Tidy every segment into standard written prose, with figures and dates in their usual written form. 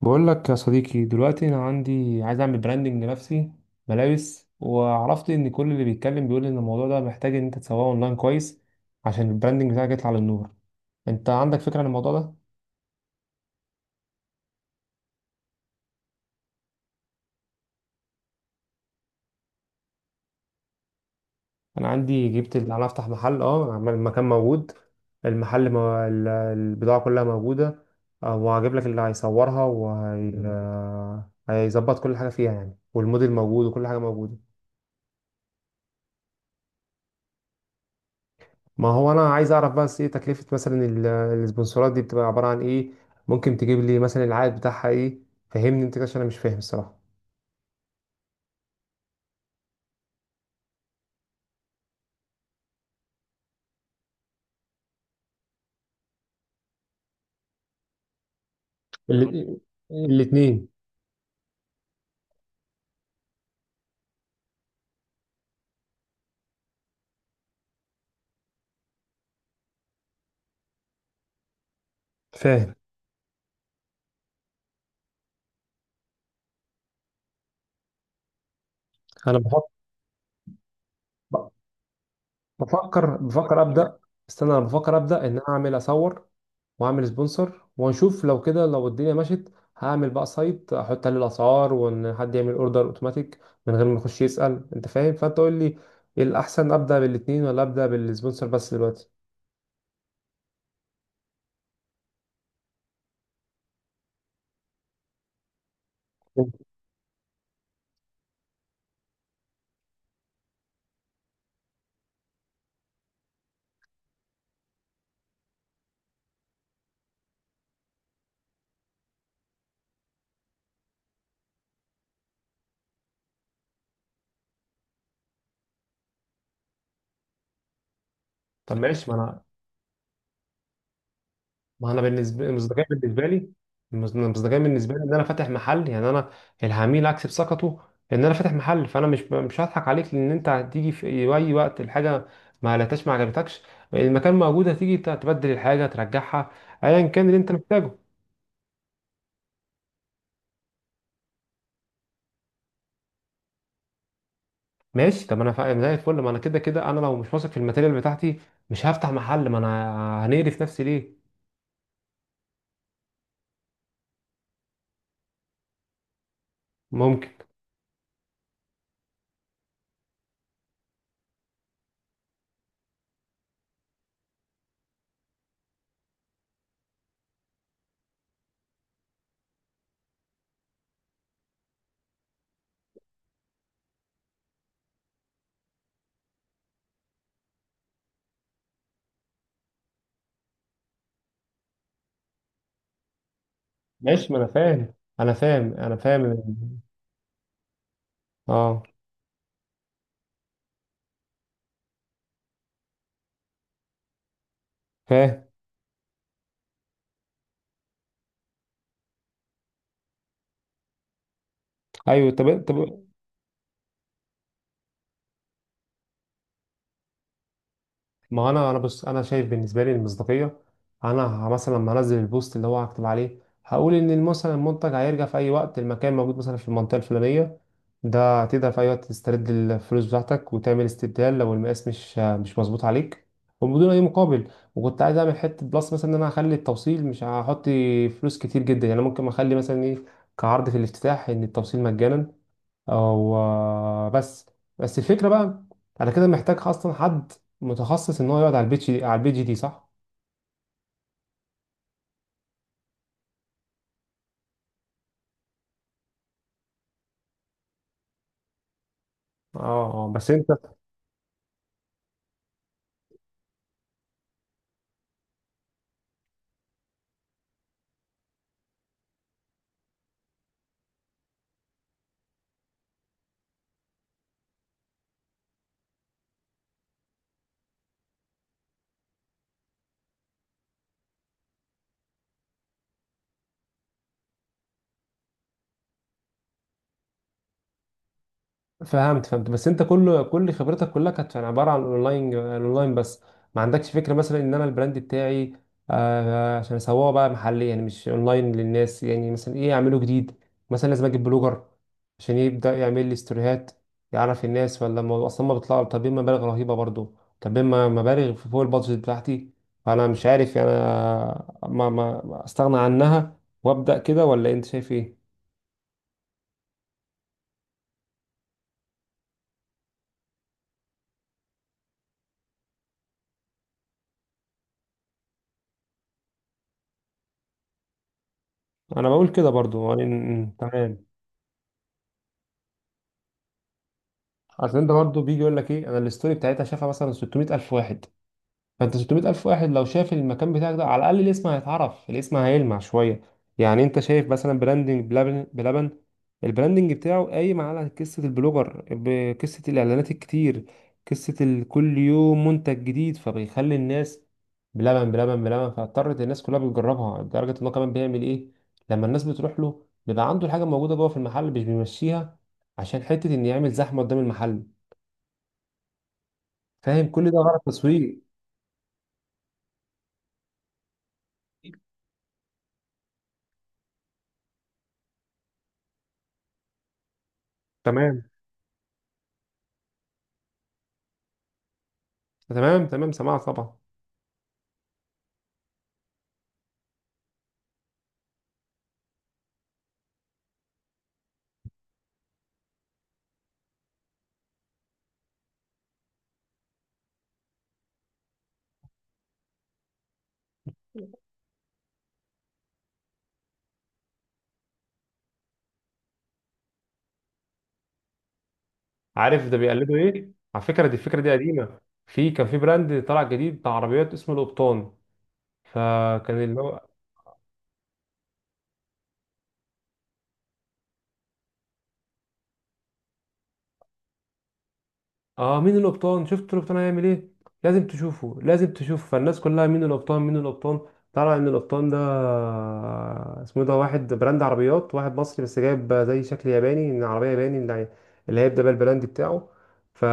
بقول لك يا صديقي دلوقتي انا عندي عايز اعمل براندنج لنفسي، ملابس. وعرفت ان كل اللي بيتكلم بيقول ان الموضوع ده محتاج ان انت تسوقه اونلاين كويس عشان البراندنج بتاعك يطلع للنور. انت عندك فكرة عن الموضوع ده؟ انا عندي جبت اللي انا افتح محل، المكان موجود. البضاعة كلها موجودة. وهجيب لك اللي هيصورها وهيظبط كل حاجة فيها يعني، والموديل موجود وكل حاجة موجودة. ما هو انا عايز اعرف بس ايه تكلفة مثلا السبونسرات دي، بتبقى عبارة عن ايه؟ ممكن تجيب لي مثلا العائد بتاعها ايه؟ فهمني انت كده عشان انا مش فاهم الصراحة. ال- الاتنين. فاهم. انا بفكر، بفكر ابدا. استنى، انا بفكر ابدا ان انا اعمل اصور واعمل سبونسر، ونشوف لو كده لو الدنيا مشت هعمل بقى سايت احط عليه الاسعار، وان حد يعمل اوردر اوتوماتيك من غير ما يخش يسأل. انت فاهم؟ فانت قول لي ايه الاحسن، ابدا بالاتنين ولا ابدا بالسبونسر بس دلوقتي؟ طب ماشي. ما انا بالنسبه المصداقيه بالنسبه لي، المصداقيه بالنسبه لي ان انا فاتح محل، يعني انا العميل اكسب ثقته ان انا فاتح محل، فانا مش هضحك عليك، لان انت هتيجي في اي وقت الحاجه ما قلتهاش، ما عجبتكش، المكان موجود، هتيجي تبدل الحاجه، ترجعها، ايا كان اللي انت محتاجه. ماشي طب انا زي الفل. ما انا كده كده انا لو مش واثق في الماتيريال بتاعتي مش هفتح محل، ما انا هنقرف نفسي ليه؟ ممكن. ماشي ما انا فاهم انا فاهم. اه. فاهم. ايوه. طب، ما هو انا بص، انا شايف بالنسبه لي المصداقيه، انا مثلا لما انزل البوست اللي هو هكتب عليه، هقول ان مثلا المنتج هيرجع في اي وقت، المكان موجود مثلا في المنطقه الفلانيه، ده تقدر في اي وقت تسترد الفلوس بتاعتك وتعمل استبدال لو المقاس مش مظبوط عليك، وبدون اي مقابل. وكنت عايز اعمل حته بلس مثلا ان انا هخلي التوصيل، مش هحط فلوس كتير جدا، يعني ممكن اخلي مثلا ايه، كعرض في الافتتاح ان التوصيل مجانا او بس. بس الفكره بقى انا كده محتاج اصلا حد متخصص ان هو يقعد على البيتش دي، على البيتش دي، صح؟ اه. بس انت، فهمت فهمت. بس انت كل خبرتك كلها كانت يعني عباره عن الاونلاين، الاونلاين بس. ما عندكش فكره مثلا ان انا البراند بتاعي آه عشان اسوقه بقى محلي، يعني مش اونلاين، للناس يعني مثلا ايه اعمله جديد؟ مثلا لازم اجيب بلوجر عشان يبدا يعمل لي ستوريهات يعرف الناس؟ ولا الموضوع اصلا ما بيطلع؟ طالبين مبالغ رهيبه برضو، طالبين مبالغ في فوق البادجت بتاعتي، فانا مش عارف يعني انا ما استغنى عنها وابدا كده، ولا انت شايف ايه؟ انا بقول كده برضو يعني تمام. عشان انت برضه بيجي يقول لك ايه، انا الستوري بتاعتها شافها مثلا 600 الف واحد، فانت 600 الف واحد لو شاف المكان بتاعك ده، على الاقل الاسم هيتعرف، الاسم هيلمع شويه. يعني انت شايف مثلا براندنج بلبن، بلبن البراندنج بتاعه قايم على قصه البلوجر، بقصه الاعلانات الكتير، قصه كل يوم منتج جديد، فبيخلي الناس بلبن بلبن بلبن، فاضطرت الناس كلها بتجربها. لدرجه ان هو كمان بيعمل ايه، لما الناس بتروح له بيبقى عنده الحاجه موجوده جوه في المحل مش بيمشيها عشان حته ان يعمل زحمه قدام المحل. فاهم؟ كل ده غلط تسويق. تمام تمام. تمام، سمعت طبعا. عارف ده بيقلدوا ايه على فكره؟ دي الفكره دي قديمه. كان في براند طلع جديد بتاع عربيات اسمه القبطان، فكان اللي هو اه، مين القبطان؟ شفت القبطان هيعمل ايه؟ لازم تشوفه، لازم تشوفه. فالناس كلها مين القبطان، مين القبطان؟ طلع ان القبطان ده اسمه إيه، ده واحد براند عربيات، واحد مصري بس جايب زي شكل ياباني من عربيه ياباني، اللي اللي هيبدأ بقى البراند بتاعه. ف،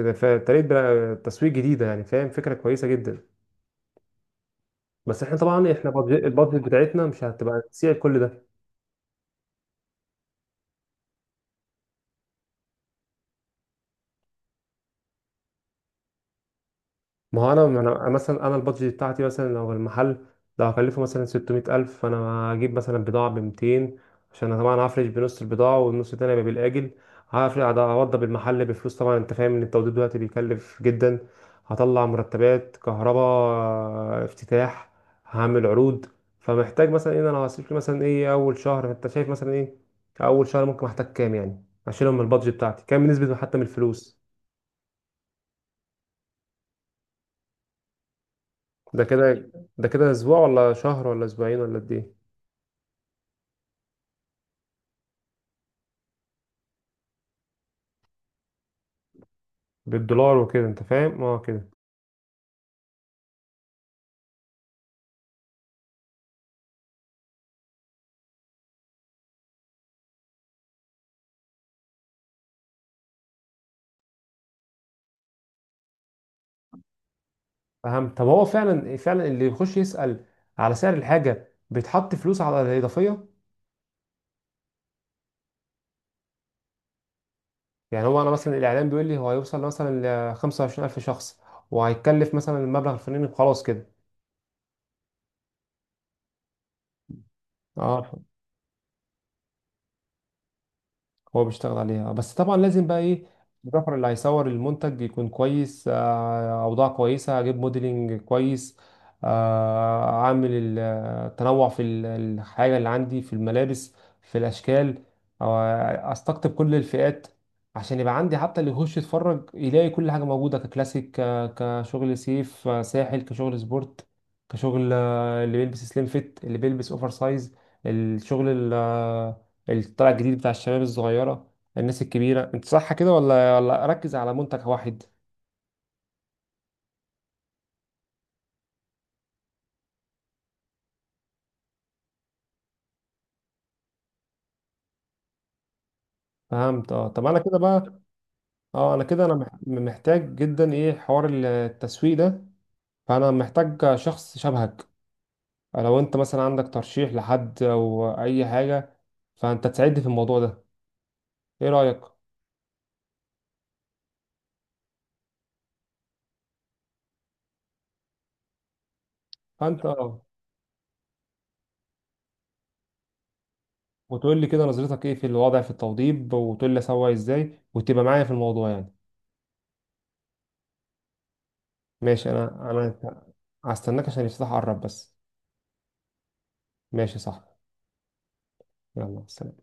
تسويق جديده يعني، فاهم، فكره كويسه جدا. بس احنا طبعا احنا البادجت بتاعتنا مش هتبقى تسيع كل ده. ما هو انا مثلا انا البادجت بتاعتي مثلا، لو المحل لو هكلفه مثلا 600 الف، فانا هجيب مثلا بضاعه ب 200، عشان أنا طبعا هفرش بنص البضاعه والنص التاني هيبقى بالاجل. هفرش، هوضب المحل بفلوس طبعا، انت فاهم ان التوضيب دلوقتي بيكلف جدا. هطلع مرتبات، كهرباء، افتتاح، هعمل عروض. فمحتاج مثلا ان انا هصرف لي مثلا ايه اول شهر؟ انت شايف مثلا ايه اول شهر؟ ممكن احتاج كام يعني اشيلهم من البادجت بتاعتي، كام بالنسبه حتى من الفلوس؟ ده كده، ده كده اسبوع ولا شهر ولا اسبوعين ولا قد ايه؟ بالدولار وكده انت فاهم، اه كده. اهم. طب هو فعلا فعلا اللي يخش يسأل على سعر الحاجة بيتحط فلوس على الإضافية؟ يعني هو انا مثلا الاعلان بيقول لي هو هيوصل مثلا ل 25,000 شخص، وهيتكلف مثلا المبلغ الفلاني، خلاص كده؟ اه هو بيشتغل عليها، بس طبعا لازم بقى ايه، الفوتوغرافر اللي هيصور المنتج يكون كويس، اوضاع كويسه، هجيب موديلنج كويس، آه، اعمل ال- التنوع في الحاجه اللي عندي في الملابس، في الاشكال. استقطب كل الفئات عشان يبقى عندي حتى اللي يخش يتفرج يلاقي كل حاجه موجوده، ككلاسيك، كشغل سيف، ساحل، كشغل سبورت، كشغل اللي بيلبس سليم فيت، اللي بيلبس اوفر سايز. الشغل الطلع الجديد بتاع الشباب الصغيرة، الناس الكبيرة. انت صح كده؟ ولا اركز على منتج واحد؟ فهمت. اه طب انا كده بقى، اه انا كده انا محتاج جدا ايه، حوار التسويق ده. فانا محتاج شخص شبهك، لو انت مثلا عندك ترشيح لحد او اي حاجة، فانت تساعدني في الموضوع ده. ايه رأيك؟ فانت اه، وتقول لي كده نظرتك ايه في الوضع، في التوضيب، وتقول لي اسوي ازاي، وتبقى معايا في الموضوع يعني. ماشي، انا هستناك عشان يفتح قرب بس. ماشي، صح. يلا، سلام.